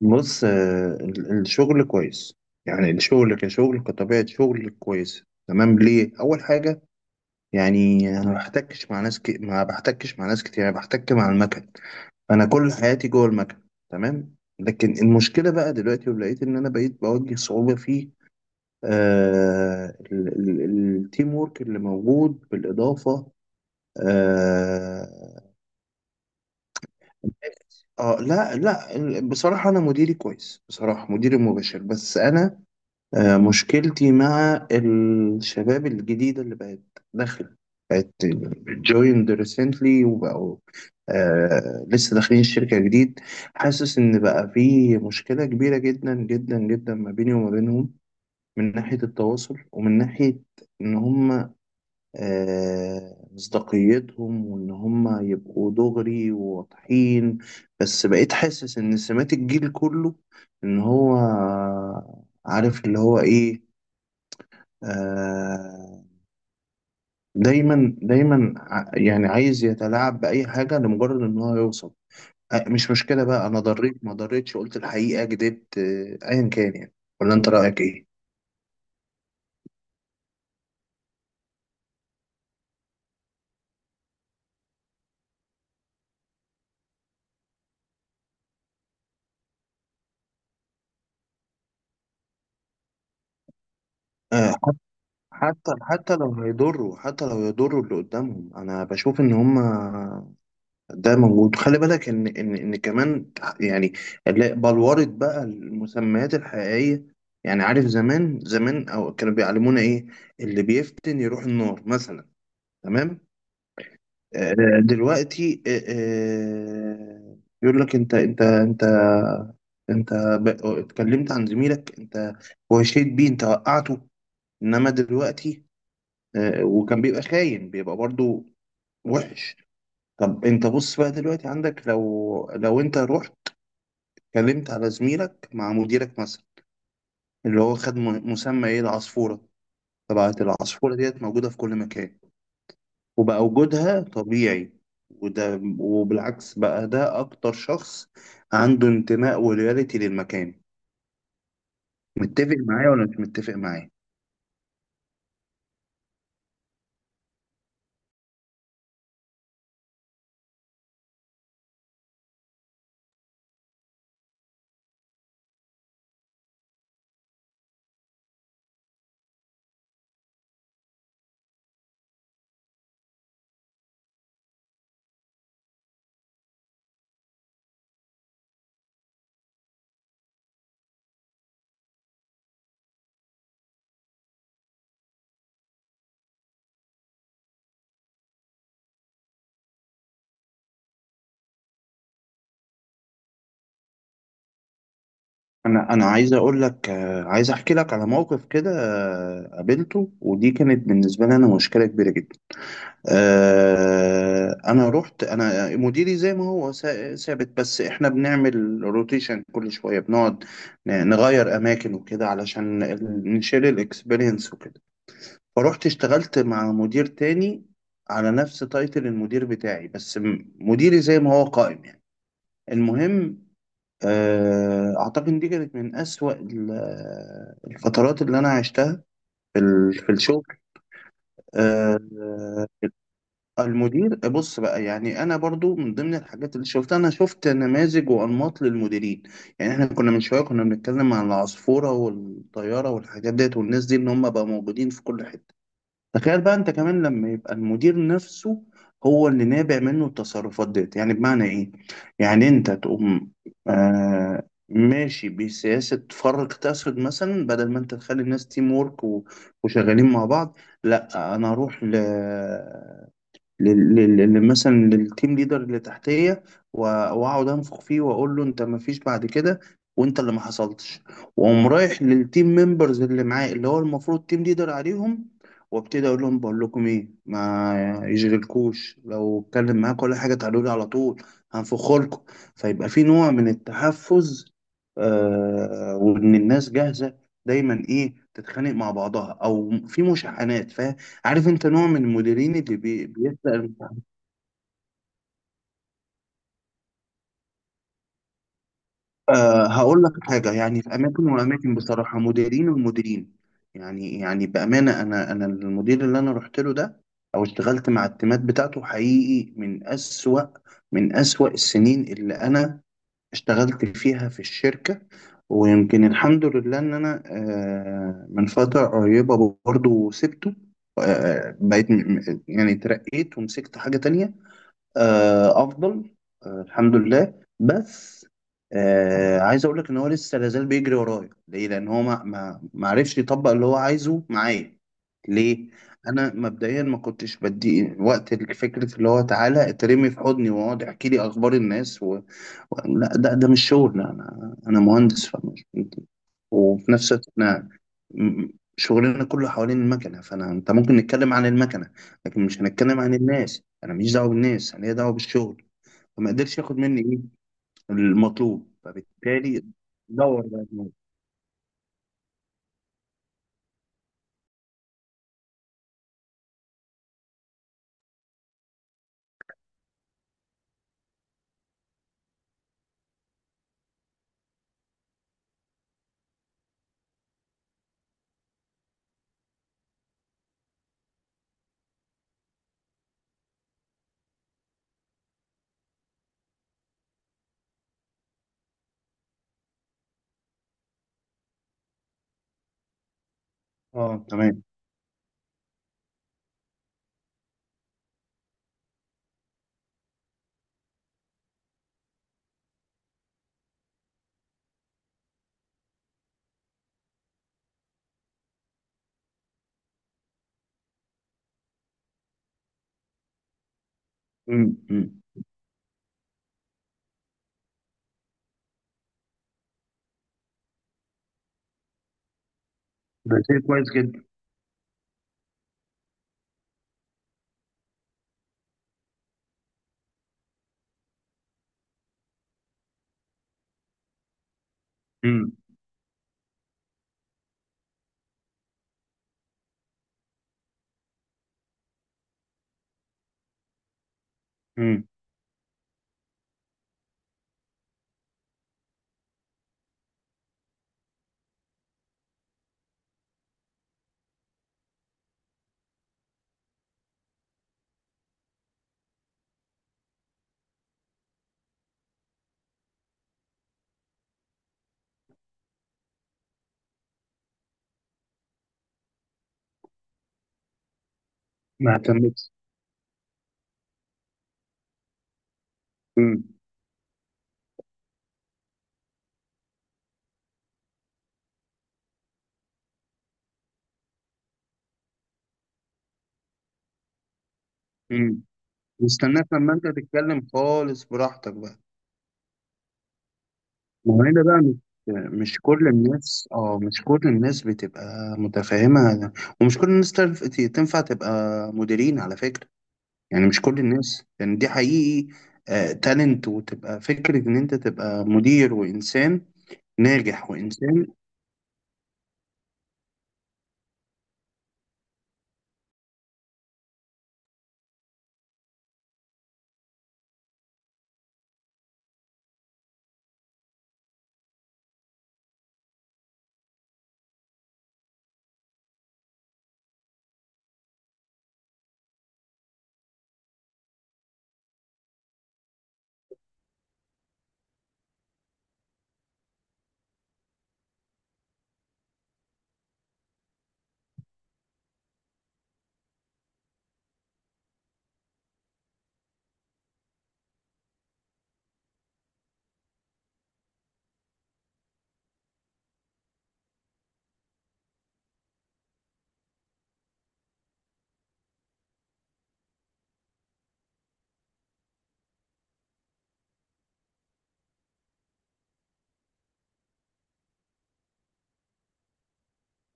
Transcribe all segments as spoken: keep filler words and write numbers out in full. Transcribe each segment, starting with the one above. بص، آه، ال- الشغل كويس. يعني الشغل كشغل كطبيعة شغل كويس. تمام، ليه؟ أول حاجة، يعني أنا ما بحتكش مع ناس ك... ما بحتكش مع ناس كتير، أنا بحتك مع المكن. أنا كل حياتي جوه المكن. تمام، لكن المشكلة بقى دلوقتي، ولقيت إن أنا بقيت بواجه صعوبة في آه... ال- ال- التيم وورك اللي موجود، بالإضافة آه... اه، لا لا. بصراحة أنا مديري كويس، بصراحة مديري مباشر، بس أنا آه، مشكلتي مع الشباب الجديدة اللي بقت داخلة، بقت جويند ريسنتلي وبقوا، آه لسه داخلين الشركة جديد. حاسس إن بقى في مشكلة كبيرة جدا جدا جدا ما بيني وما بينهم، من ناحية التواصل ومن ناحية إن هما آه مصداقيتهم، وإن هما يبقوا دغري وواضحين. بس بقيت حاسس إن سمات الجيل كله، إن هو عارف اللي هو إيه، آه، دايما دايما ع- يعني عايز يتلاعب بأي حاجة لمجرد إن هو يوصل. آه، مش مشكلة بقى، أنا ضريت ما ضريتش، قلت الحقيقة كدبت، آه، أيا كان يعني. ولا أنت رأيك إيه؟ آه، حت- حتى حتى لو هيضروا، حتى لو يضروا اللي قدامهم، أنا بشوف إن هما ده موجود. خلي بالك إن إن إن كمان يعني اللي بلورت بقى المسميات الحقيقية، يعني عارف زمان زمان أو كانوا بيعلمونا إيه؟ اللي بيفتن يروح النار مثلا. تمام. آه، دلوقتي آه، آه، يقول لك: انت انت انت انت ب- اتكلمت عن زميلك، انت وهشيت بيه، انت وقعته. انما دلوقتي آه، وكان بيبقى خاين، بيبقى برضو وحش. طب انت بص بقى دلوقتي، عندك لو لو انت رحت اتكلمت على زميلك مع مديرك مثلا، اللي هو خد م- مسمى ايه؟ العصفورة. طبعا العصفورة ديت موجودة في كل مكان، وبقى وجودها طبيعي. وده وبالعكس، بقى ده اكتر شخص عنده انتماء ولويالتي للمكان. متفق معايا ولا مش متفق معايا؟ انا انا عايز اقول لك، آه، عايز احكي لك على موقف كده، آه، قابلته، ودي كانت بالنسبه لي انا مشكله كبيره جدا. آه، انا رحت، انا مديري زي ما هو سا- ثابت، بس احنا بنعمل روتيشن كل شويه، بنقعد ن- نغير اماكن وكده علشان ال- نشيل الاكسبيرينس وكده. فروحت اشتغلت مع مدير تاني، على نفس تايتل المدير بتاعي، بس م- مديري زي ما هو قائم يعني. المهم، آه، اعتقد إن دي كانت من اسوأ ال- الفترات اللي انا عشتها في ال- في الشغل. آه، المدير بص بقى، يعني انا برضو من ضمن الحاجات اللي شفتها، انا شفت نماذج وانماط للمديرين. يعني احنا كنا من شويه كنا بنتكلم عن العصفوره والطياره والحاجات ديت والناس دي، ان هم بقى موجودين في كل حته. تخيل بقى انت كمان لما يبقى المدير نفسه هو اللي نابع منه التصرفات ديت. يعني بمعنى ايه؟ يعني انت تقوم آه ماشي بسياسة فرق تسد مثلا، بدل ما انت تخلي الناس تيم وورك و- وشغالين مع بعض، لا، انا اروح ل لل- لل- لل- مثلا للتيم ليدر اللي تحتيه، و- واقعد انفخ فيه واقول له: انت ما فيش بعد كده، وانت اللي ما حصلتش. واقوم رايح للتيم ممبرز اللي معاه، اللي هو المفروض تيم ليدر عليهم، وابتدي اقول لهم: بقول لكم ايه، ما يجرلكوش لو اتكلم معاك ولا حاجه، تعالوا لي على طول، هنفخ لكم. فيبقى في نوع من التحفز، آه وان الناس جاهزه دايما ايه، تتخانق مع بعضها او في مشاحنات. فاهم؟ عارف، انت نوع من المديرين اللي بي... بيسأل. أه، هقول لك حاجة، يعني في أماكن وأماكن بصراحة، مديرين ومديرين. يعني يعني بأمانة، أنا أنا المدير اللي أنا رحت له ده أو اشتغلت مع التيمات بتاعته، حقيقي من أسوأ، من أسوأ السنين اللي أنا اشتغلت فيها في الشركة. ويمكن الحمد لله إن أنا أه من فترة قريبة برضه سبته. أه بقيت م- م- يعني اترقيت ومسكت حاجة تانية، آه، افضل، آه، الحمد لله. بس آه، عايز اقول لك ان هو لسه لازال بيجري ورايا، ليه؟ لان هو ما ما ما عرفش يطبق اللي هو عايزه معايا. ليه؟ انا مبدئيا ما كنتش بدي وقت لفكره اللي هو تعالى اترمي في حضني واقعد احكي لي اخبار الناس و... و... لا، ده ده مش شغل. لا، انا انا مهندس، فمش. وفي نفس الوقت احنا م- شغلنا كله حوالين المكنه، فانا انت ممكن نتكلم عن المكنه، لكن مش هنتكلم عن الناس. انا ماليش دعوه بالناس، انا ليا دعوه بالشغل. فما قدرش ياخد مني ايه المطلوب، فبالتالي دور بقى دماغي. اه، تمام. امم امم ده شيء كويس جدا. امم امم ما اهتمتش. امم امم واستناك لما انت تتكلم خالص براحتك بقى. ما هو هنا بقى مش، مش كل الناس، اه مش كل الناس بتبقى متفاهمة، ومش كل الناس تنف- تنفع تبقى مديرين على فكرة. يعني مش كل الناس، يعني دي حقيقي آه تالنت، وتبقى فكرة إن أنت تبقى مدير وإنسان ناجح وإنسان،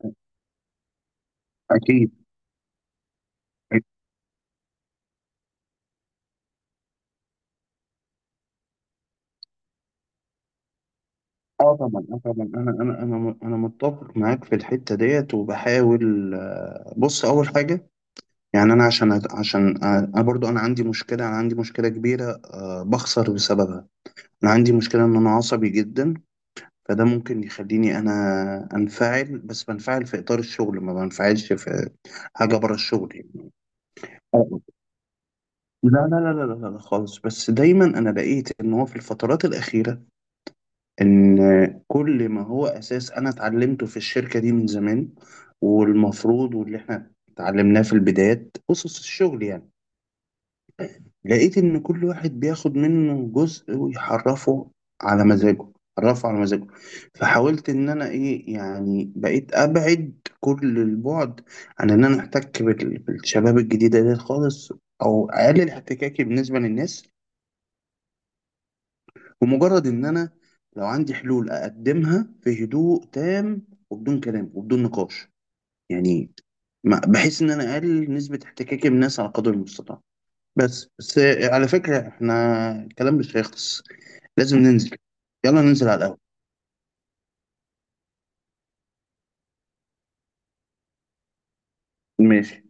آه، أكيد. اه طبعا، اه طبعا، انا انا انا انا متفق معاك في الحته ديت، وبحاول. آه، بص، اول حاجه يعني انا عشان عشان آه، انا برضو انا عندي مشكله، انا عندي مشكله كبيره آه، بخسر بسببها. انا عندي مشكله ان انا عصبي جدا، فده ممكن يخليني انا انفعل، بس بنفعل في اطار الشغل، ما بنفعلش في حاجه بره الشغل يعني. آه. لا لا لا لا لا لا خالص. بس دايما انا لقيت ان هو في الفترات الاخيره، ان كل ما هو اساس انا اتعلمته في الشركه دي من زمان، والمفروض واللي احنا اتعلمناه في البدايات اسس الشغل يعني، لقيت إن كل واحد بياخد منه جزء ويحرفه على مزاجه، حرفه على مزاجه. فحاولت إن أنا إيه، يعني بقيت أبعد كل البعد عن إن أنا أحتك بال- بالشباب الجديدة دي خالص، أو أقلل احتكاكي بالنسبة للناس، ومجرد إن أنا لو عندي حلول أقدمها في هدوء تام، وبدون كلام وبدون نقاش، يعني ما- بحيث إن أنا أقلل نسبة احتكاكي بالناس على قدر المستطاع. بس بس، على فكرة احنا الكلام مش هيخلص، لازم ننزل. يلا ننزل على القهوة. ماشي.